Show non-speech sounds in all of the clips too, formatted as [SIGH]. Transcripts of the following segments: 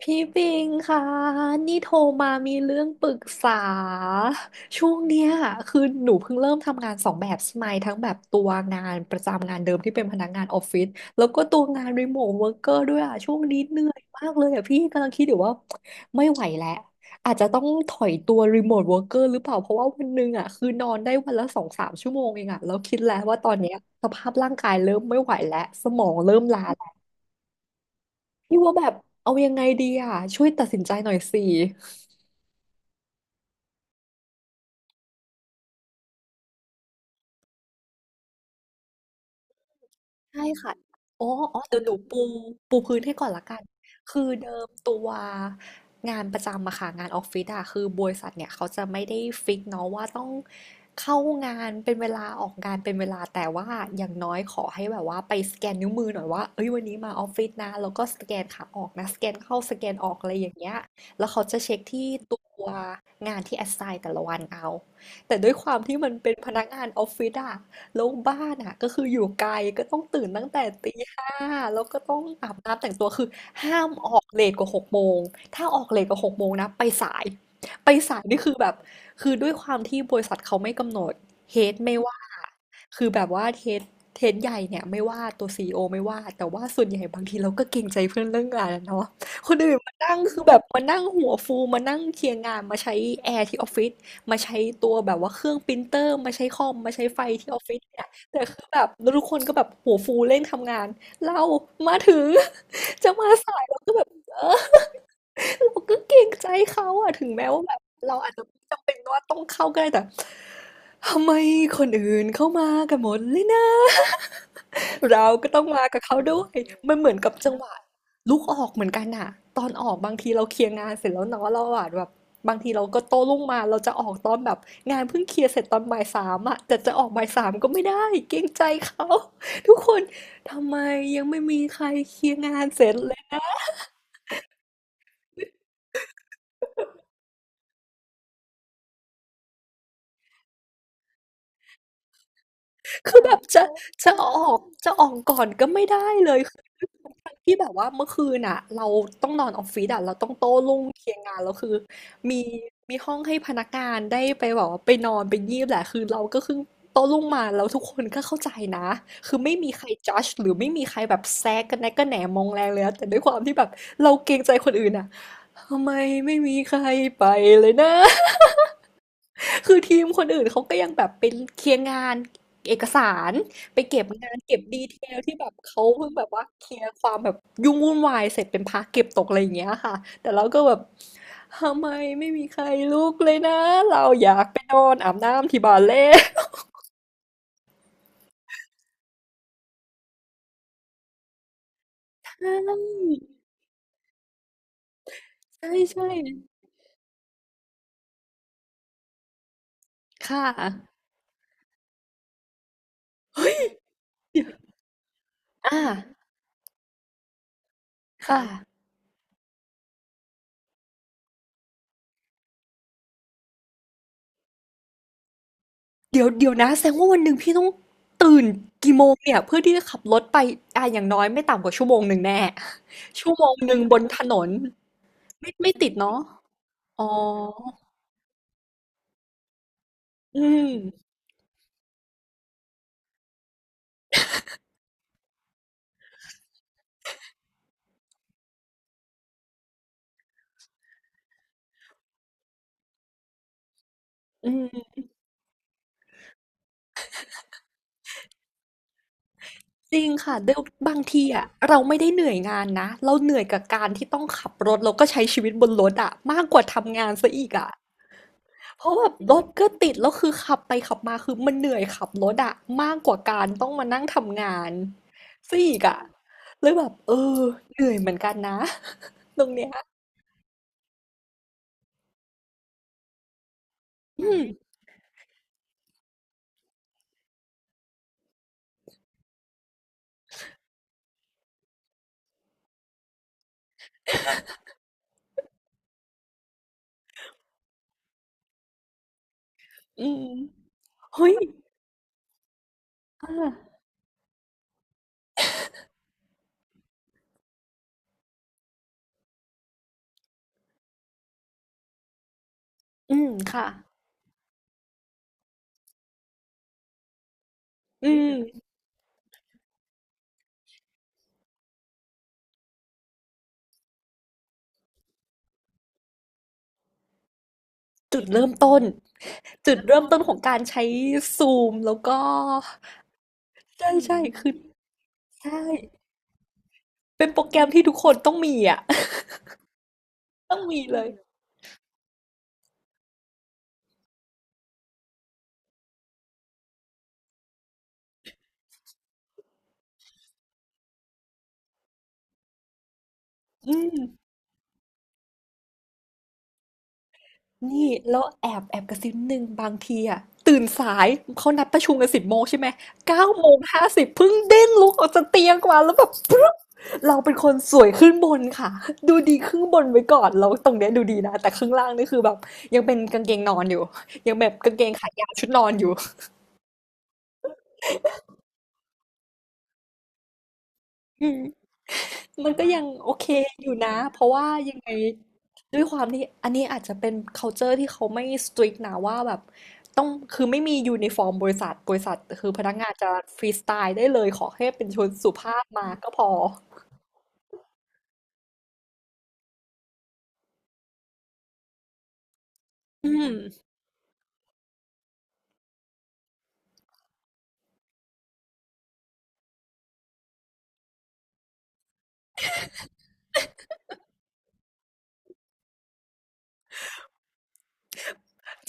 พี่ปิงค่ะนี่โทรมามีเรื่องปรึกษาช่วงเนี้ยคือหนูเพิ่งเริ่มทำงานสองแบบใช่ไหมทั้งแบบตัวงานประจำงานเดิมที่เป็นพนักงานออฟฟิศแล้วก็ตัวงานรีโมทเวิร์กเกอร์ด้วยอ่ะช่วงนี้เหนื่อยมากเลยอ่ะพี่กำลังคิดอยู่ว่าไม่ไหวแล้วอาจจะต้องถอยตัวรีโมทเวิร์กเกอร์หรือเปล่าเพราะว่าวันหนึงอ่ะคือนอนได้วันละ2-3 ชั่วโมงเองอ่ะแล้วคิดแล้วว่าตอนเนี้ยสภาพร่างกายเริ่มไม่ไหวแล้วสมองเริ่มล้า พี่ว่าแบบเอายังไงดีอ่ะช่วยตัดสินใจหน่อยสิ ใช่ค่ะอ๋ออ๋อเดี๋ยวหนูปูพื้นให้ก่อนละกัน คือเดิมตัวงานประจำอะค่ะงานออฟฟิศอะคือบริษัทเนี่ยเขาจะไม่ได้ฟิกเนาะว่าต้องเข้างานเป็นเวลาออกงานเป็นเวลาแต่ว่าอย่างน้อยขอให้แบบว่าไปสแกนนิ้วมือหน่อยว่าเอ้ยวันนี้มาออฟฟิศนะแล้วก็สแกนขาออกนะสแกนเข้าสแกนออกอะไรอย่างเงี้ยแล้วเขาจะเช็คที่ตัวงานที่ assign แต่ละวันเอาแต่ด้วยความที่มันเป็นพนักงานออฟฟิศอะ แล้วบ้านอะก็คืออยู่ไกลก็ต้องตื่นตั้งแต่ตีห้าแล้วก็ต้องอาบน้ำแต่งตัวคือห้ามออกเลทกว่าหกโมงถ้าออกเลทกว่าหกโมงนะไปสายไปสายนี่คือแบบคือด้วยความที่บริษัทเขาไม่กำหนดเฮดไม่ว่าคือแบบว่าเฮดใหญ่เนี่ยไม่ว่าตัวซีอีโอไม่ว่าแต่ว่าส่วนใหญ่บางทีเราก็เกรงใจเพื่อนเรื่องงานอะเนาะคนอื่นมานั่งคือแบบมานั่งหัวฟูมานั่งเคลียร์งานมาใช้แอร์ที่ออฟฟิศ มาใช้ตัวแบบว่าเครื่องปรินเตอร์มาใช้คอมมาใช้ไฟที่ออฟฟิศเนี่ยแต่คือแบบทุกคนก็แบบหัวฟูเร่งทำงานเรามาถึง [LAUGHS] จะมาสายเราก็แบบเออเราก็เกรงใจเขาอะถึงแม้ว่าแบบเราอาจจะไม่จำเป็นว่าต้องเข้าก็ได้แต่ทำไมคนอื่นเข้ามากันหมดเลยนะ เราก็ต้องมากับเขาด้วยมันเหมือนกับจังหวะลุกออกเหมือนกันอะตอนออกบางทีเราเคลียร์งานเสร็จแล้วเนาะเราอะแบบบางทีเราก็โต้รุ่งมาเราจะออกตอนแบบงานเพิ่งเคลียร์เสร็จตอนบ่ายสามอะแต่จะออกบ่ายสามก็ไม่ได้เกรงใจเขาทุกคนทำไมยังไม่มีใครเคลียร์งานเสร็จเลย คือแบบจะจะออกจะออกก่อนก็ไม่ได้เลยคือทั้งที่แบบว่าเมื่อคืนอ่ะเราต้องนอนออฟฟิศอ่ะเราต้องโต้รุ่งเคลียร์งานแล้วคือมีมีห้องให้พนักงานได้ไปแบอกว่าไปนอนไปงีบแหละคือเราก็คือโต้รุ่งมาแล้วทุกคนก็เข้าใจนะคือไม่มีใครจัดหรือไม่มีใครแบบแซกกันแนะกันแหนมองแรงเลยนะแต่ด้วยความที่แบบเราเกรงใจคนอื่นอ่ะทำไมไม่มีใครไปเลยนะ คือทีมคนอื่นเขาก็ยังแบบเป็นเคลียร์งานเอกสารไปเก็บงานเก็บดีเทลที่แบบเขาเพิ่งแบบว่าเคลียร์ความแบบยุ่งวุ่นวายเสร็จเป็นพาร์ทเก็บตกอะไรอย่างเงี้ยค่ะแต่เราก็แบบทำไมไม่มีใครลุกเลยนะเราอยากไปนอนอาบน้ำที่บาา์เล่ [LAUGHS] ใช่ใช่ใช่ค่ะ [LAUGHS] อ่าค่ะ เดี๋ยวเดี๋ยวนะแสดงว่าวันหนึ่งพี่ต้องตื่นกี่โมงเนี่ยเพื่อที่จะขับรถไปอ่ะอย่างน้อยไม่ต่ำกว่าชั่วโมงหนึ่งแน่ [LAUGHS] 1 ชั่วโมงบนถนนไม่ติดเนาะอ๋ออืมอืมจริงค่ะเดี๋ยวบางทีอ่ะเราไม่ได้เหนื่อยงานนะเราเหนื่อยกับการที่ต้องขับรถแล้วก็ใช้ชีวิตบนรถอ่ะมากกว่าทำงานซะอีกอ่ะ เพราะแบบรถก็ติดแล้วคือขับไปขับมาคือมันเหนื่อยขับรถอะมากกว่าการต้องมานั่งทำงานซะอีกอะเลยแบบเออเหนื่อยเหมือนกันนะ [LAUGHS] ตรงเนี้ยอืมอืมเฮ้ยอ่าอืมค่ะอืมจุดเริ่มต้นจุดเริ่มต้นของการใช้ซูมแล้วก็ใช่ใช่คือใช่เป็นโปรแกรมที่ทุกคนต้องมีอะ [LAUGHS] ต้องมีเลยอืม นี่แล้วแอบแอบกระซิบนิดนึงบางทีอะตื่นสายเขานัดประชุมกัน10 โมงใช่ไหม9:50เพิ่งเด้งลุกออกจากเตียงมาแล้วแบบปึ๊บเราเป็นคนสวยขึ้นบนค่ะดูดีครึ่งบนไว้ก่อนแล้วตรงเนี้ยดูดีนะแต่ข้างล่างนี่คือแบบยังเป็นกางเกงนอนอยู่ยังแบบกางเกงขายาวชุดนอนอยู่อืม มันก็ยังโอเคอยู่นะเพราะว่ายังไงด้วยความที่อันนี้อาจจะเป็น culture ที่เขาไม่ strict นะว่าแบบต้องคือไม่มียูนิฟอร์มบริษัทคือพนักงานจะฟรีสไตล์ได้เลยขอแค่เป็นชนสุภาพมาก็พออืม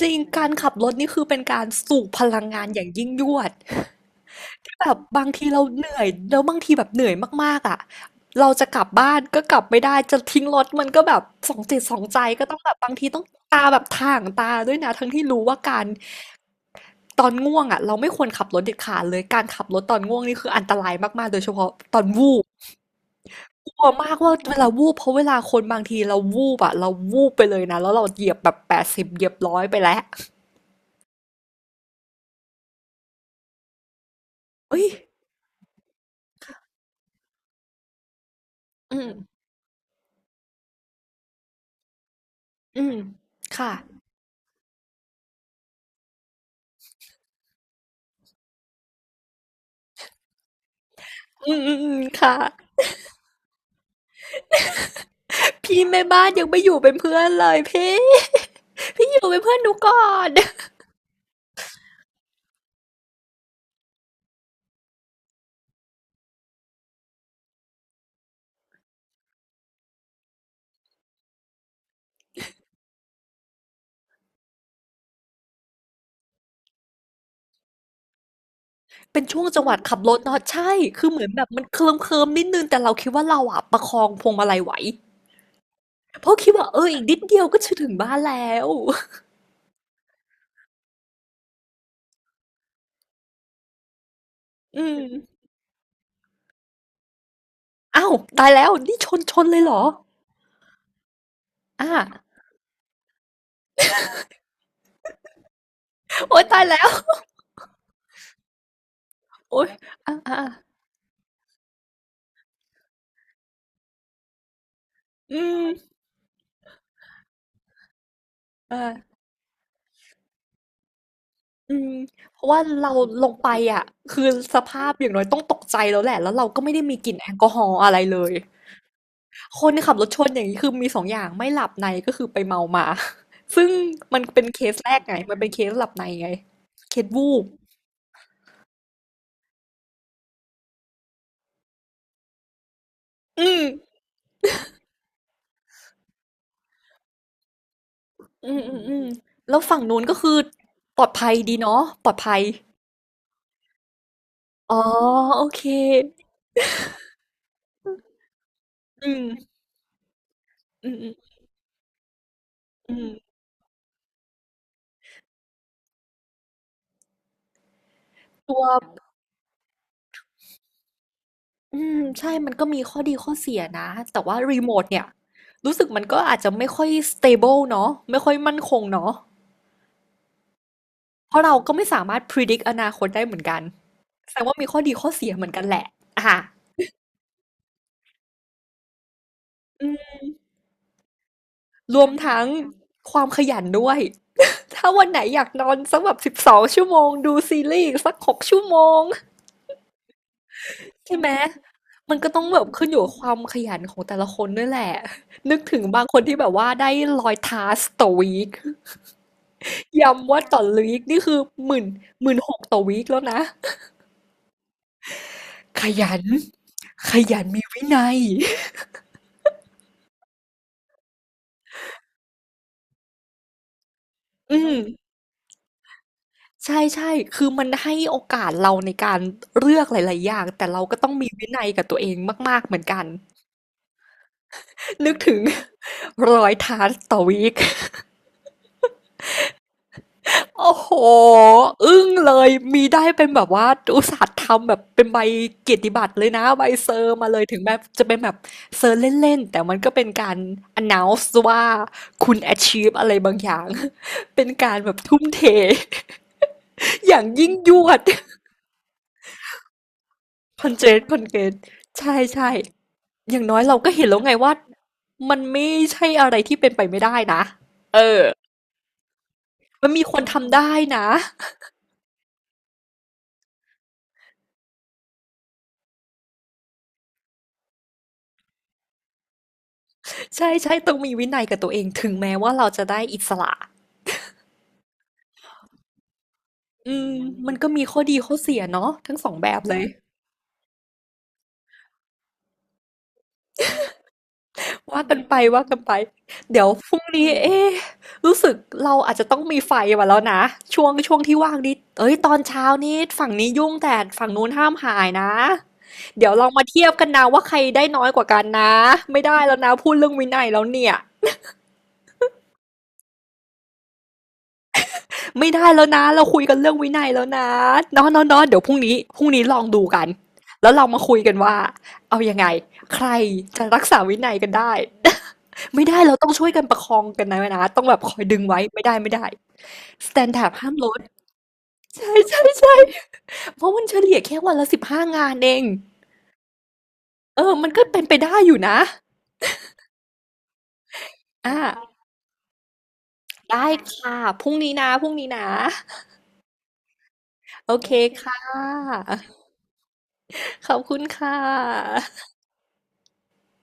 จริงการขับรถนี่คือเป็นการสูบพลังงานอย่างยิ่งยวด แบบบางทีเราเหนื่อยแล้วบางทีแบบเหนื่อยมากๆอ่ะเราจะกลับบ้านก็กลับไม่ได้จะทิ้งรถมันก็แบบสองจิตสองใจก็ต้องแบบบางทีต้องตาแบบถ่างตาด้วยนะทั้งที่รู้ว่าการตอนง่วงอ่ะเราไม่ควรขับรถเด็ดขาดเลยการขับรถตอนง่วงนี่คืออันตรายมากๆโดยเฉพาะตอนวูบกลัวมากว่าเวลาวูบเพราะเวลาคนบางทีเราวูบอะเราวูบไปเลยนะแล้วเราเหยียบแบบ80เหยียบร้อยไปแล้วเอ้ยอืมอืมค่ะอืมอืมอืมค่ะ พี่แม่บ้านยังไม่อยู่เป็นเพื่อนเลยพี่ [LAUGHS] พี่อยู่เป็นเพื่อนหนูก่อน [LAUGHS] เป็นช่วงจังหวะขับรถเนาะใช่คือเหมือนแบบมันเคลิ้มเคลิมนิดนึงแต่เราคิดว่าเราอะประคองพวงมาลัยไหวเพราะคิดว่าเอออีกนิดเดียวก็จะถึงบ้านแล้ว [LAUGHS] อืมอ้าวตายแล้วนี่ชนเลยเหรออ่าโอ๊ยตายแล้วโอ๊ยอ่าอ่าอืมอ่าอืมเพราะว่าเราลงไปอ่ะคือสภาพอย่างน้อยต้องตกใจแล้วแหละแล้วเราก็ไม่ได้มีกลิ่นแอลกอฮอล์อะไรเลย คนขับรถชนอย่างนี้คือมีสองอย่างไม่หลับในก็คือไปเมามา [LAUGHS] ซึ่งมันเป็นเคสแรกไงมันเป็นเคสหลับในไงเคสวูบอืมอืมอืมอืมแล้วฝั่งนู้นก็คือปลอดภัยดีเนาะปลอดภัยอ๋อโอเคอืมอืมอืมอืมตัวอืมใช่มันก็มีข้อดีข้อเสียนะแต่ว่ารีโมทเนี่ยรู้สึกมันก็อาจจะไม่ค่อย stable เนาะไม่ค่อยมั่นคงเนาะเพราะเราก็ไม่สามารถ predict อนาคตได้เหมือนกัน แสดงว่ามีข้อดีข้อเสียเหมือนกันแหละอ่ะอืมรวมทั้งความขยันด้วยถ้าวันไหนอยากนอนสักแบบ12 ชั่วโมงดูซีรีส์อีกสัก6 ชั่วโมงใช่ไหมมันก็ต้องแบบขึ้นอยู่กับความขยันของแต่ละคนด้วยแหละนึกถึงบางคนที่แบบว่าได้100 ทาสต่อวีคย้ำว่าต่อวีคนี่คือหมื่นหมื่นหกต่อวีคแล้วนะขยันขยันมีวินัยอืม ใช่ๆคือมันให้โอกาสเราในการเลือกหลายๆอย่างแต่เราก็ต้องมีวินัยกับตัวเองมากๆเหมือนกัน นึกถึง [LAUGHS] รอย t านต่อวีค [LAUGHS] อโอ้โหอึ้งเลย มีได้เป็นแบบว่าอุตส่าห์ทำแบบเป็นใบเกียรติบัตรเลยนะใบเซอร์มาเลยถึงแม้จะเป็นแบบเซอร์เล่นๆแต่มันก็เป็นการ announce ว่าคุณ achieve อะไรบางอย่าง [LAUGHS] เป็นการแบบทุ่มเท [LAUGHS] อย่างยิ่งยวด คอนเจนคอนเจนใช่ใช่อย่างน้อยเราก็เห็นแล้วไงว่ามันไม่ใช่อะไรที่เป็นไปไม่ได้นะเออมันมีคนทำได้นะใช่ใช่ต้องมีวินัยกับตัวเองถึงแม้ว่าเราจะได้อิสระอืมมันก็มีข้อดีข้อเสียเนาะทั้งสองแบบเลย ว่ากันไปว่ากันไปเดี๋ยวพรุ่งนี้เอ๊ะรู้สึกเราอาจจะต้องมีไฟมาแล้วนะช่วงที่ว่างนี้เอ้ยตอนเช้านี้ฝั่งนี้ยุ่งแต่ฝั่งนู้นห้ามหายนะเดี๋ยวลองมาเทียบกันนะว่าใครได้น้อยกว่ากันนะไม่ได้แล้วนะพูดเรื่องวินัยแล้วเนี่ย ไม่ได้แล้วนะเราคุยกันเรื่องวินัยแล้วนะเนาะเนาะเนาะเดี๋ยวพรุ่งนี้พรุ่งนี้ลองดูกันแล้วเรามาคุยกันว่าเอายังไงใครจะรักษาวินัยกันได้ [LAUGHS] ไม่ได้เราต้องช่วยกันประคองกันนะนะต้องแบบคอยดึงไว้ไม่ได้ไม่ได้สแตนดาร์ดห้ามลดใช่ใช่ใช่เพราะมันเฉลี่ยแค่วันละ15 งานเองเออมันก็เป็นไปได้อยู่นะอ่าได้ค่ะ พรุ่งนี้นะพรุ่งนี้นะโอเคค่ะขอบคุณค่ะ